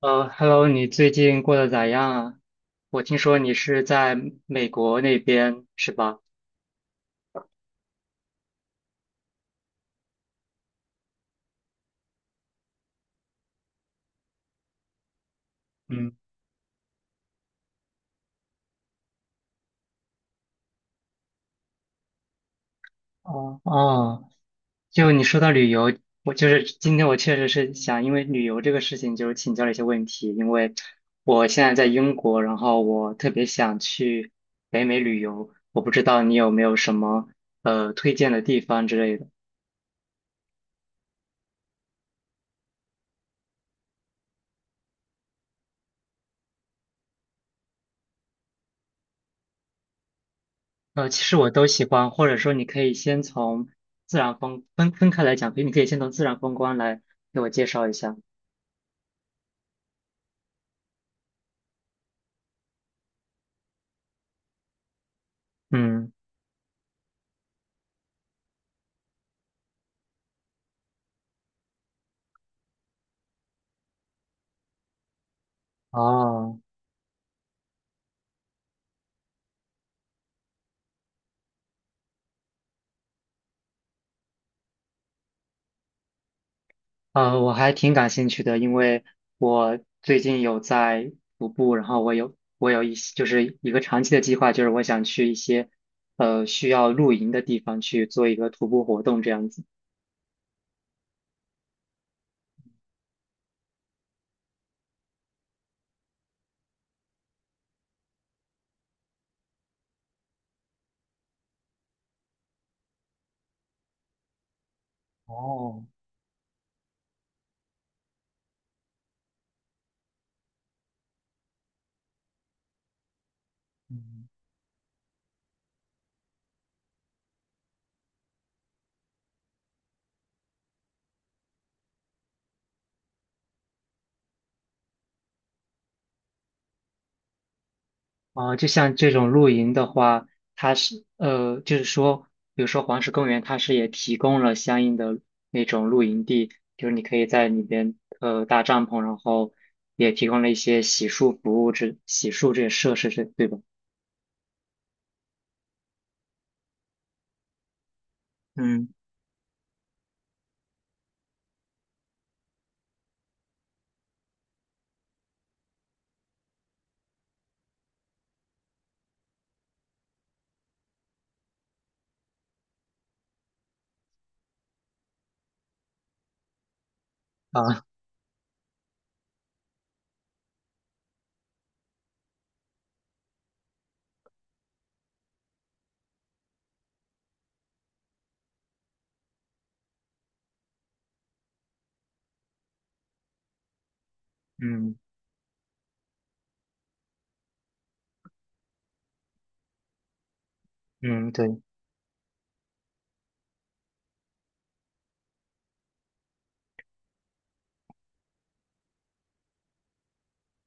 Hello，你最近过得咋样啊？我听说你是在美国那边是吧？嗯，哦哦，就你说到旅游，我就是今天我确实是想因为旅游这个事情，就是请教了一些问题，因为我现在在英国，然后我特别想去北美旅游，我不知道你有没有什么推荐的地方之类的。其实我都喜欢，或者说你可以先从自然风分分开来讲，比如你可以先从自然风光来给我介绍一下。嗯，哦，我还挺感兴趣的，因为我最近有在徒步，然后我有一些就是一个长期的计划，就是我想去一些需要露营的地方去做一个徒步活动这样子。哦，啊，就像这种露营的话，它是就是说，比如说黄石公园，它是也提供了相应的那种露营地，就是你可以在里边搭帐篷，然后也提供了一些洗漱服务这洗漱这些设施，这对吧？嗯啊，嗯嗯，对。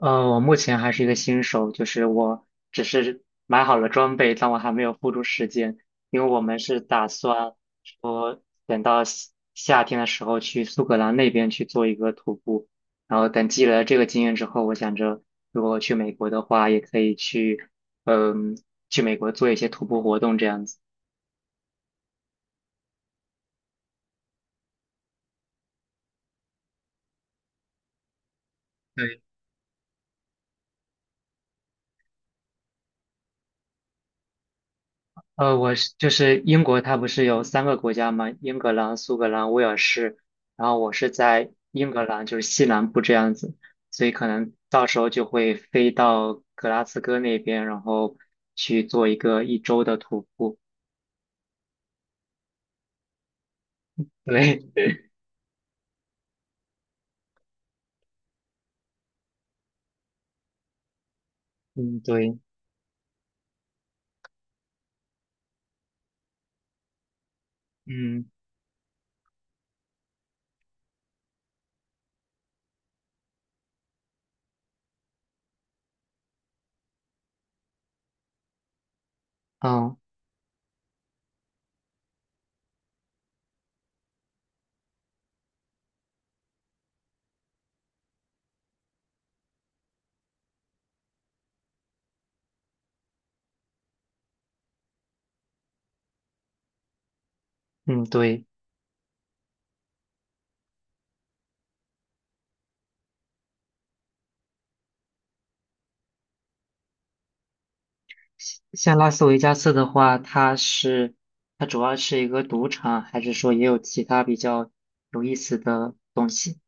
我目前还是一个新手，就是我只是买好了装备，但我还没有付出时间，因为我们是打算说等到夏夏天的时候去苏格兰那边去做一个徒步，然后等积累了这个经验之后，我想着如果去美国的话，也可以去，嗯、去美国做一些徒步活动这样子。对。我是就是英国，它不是有三个国家吗？英格兰、苏格兰、威尔士。然后我是在英格兰，就是西南部这样子，所以可能到时候就会飞到格拉斯哥那边，然后去做一个1周的徒步。对，嗯，对，嗯，哦，嗯，对。像拉斯维加斯的话，它主要是一个赌场，还是说也有其他比较有意思的东西？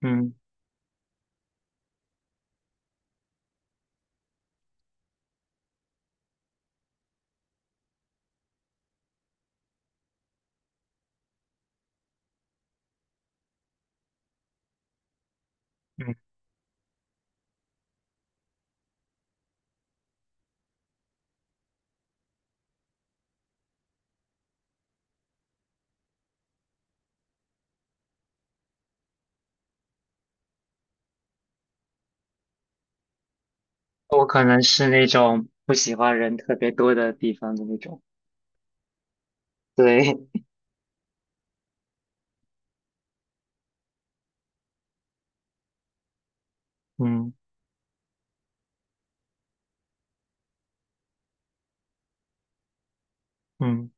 嗯嗯。我可能是那种不喜欢人特别多的地方的那种。对，嗯嗯，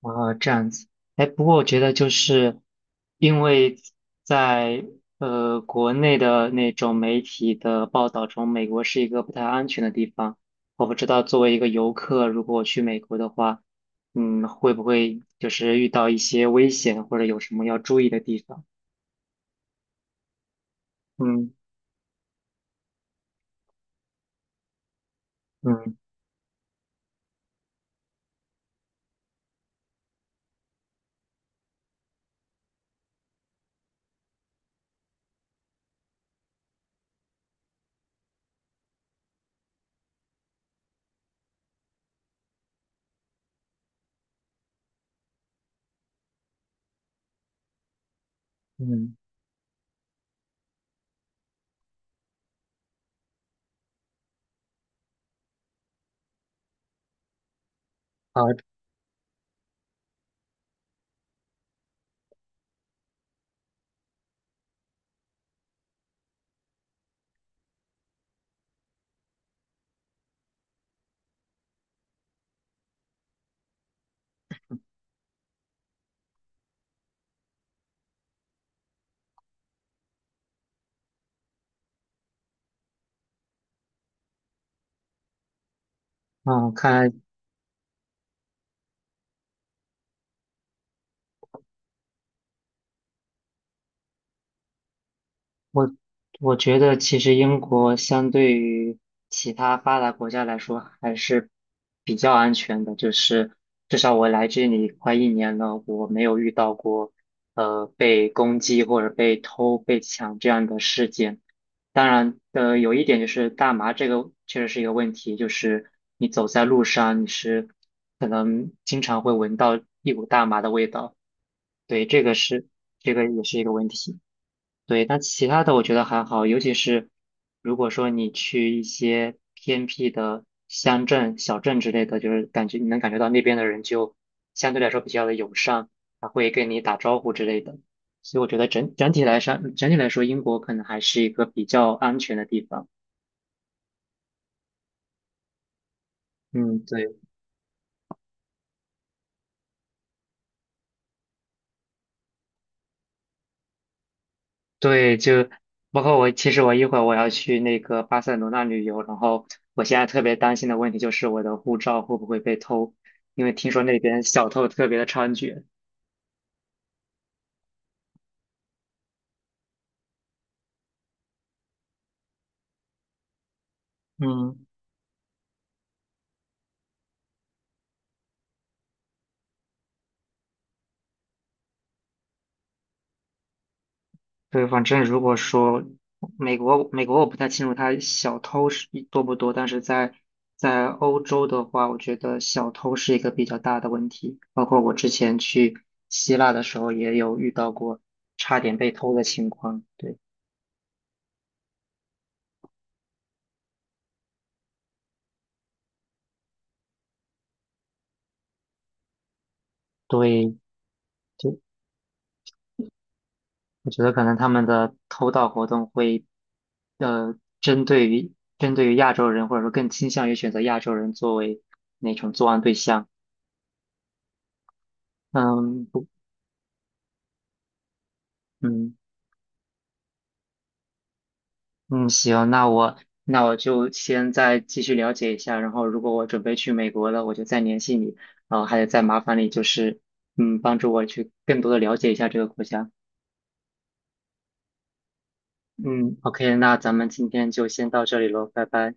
然后这样子。哎，不过我觉得就是因为在国内的那种媒体的报道中，美国是一个不太安全的地方。我不知道作为一个游客，如果我去美国的话，嗯，会不会就是遇到一些危险，或者有什么要注意的地方？嗯嗯嗯，好，嗯，看来。我我觉得其实英国相对于其他发达国家来说还是比较安全的，就是至少我来这里快一年了，我没有遇到过被攻击或者被偷、被抢这样的事件。当然，有一点就是大麻这个确实是一个问题，就是你走在路上，你是可能经常会闻到一股大麻的味道，对，这个是这个也是一个问题。对，但其他的我觉得还好，尤其是如果说你去一些偏僻的乡镇、小镇之类的，就是感觉你能感觉到那边的人就相对来说比较的友善，他会跟你打招呼之类的。所以我觉得整整体来说，整体来说，英国可能还是一个比较安全的地方。嗯，对对，就包括我，其实我一会儿我要去那个巴塞罗那旅游，然后我现在特别担心的问题就是我的护照会不会被偷，因为听说那边小偷特别的猖獗。嗯，对，反正如果说美国，美国我不太清楚他小偷是多不多，但是在欧洲的话，我觉得小偷是一个比较大的问题。包括我之前去希腊的时候，也有遇到过差点被偷的情况。对，对，就我觉得可能他们的偷盗活动会，呃，针对于针对于亚洲人，或者说更倾向于选择亚洲人作为那种作案对象。嗯，不，嗯。嗯，行，那我就先再继续了解一下，然后如果我准备去美国了，我就再联系你，然后还得再麻烦你，就是嗯，帮助我去更多的了解一下这个国家。嗯，OK，那咱们今天就先到这里喽，拜拜。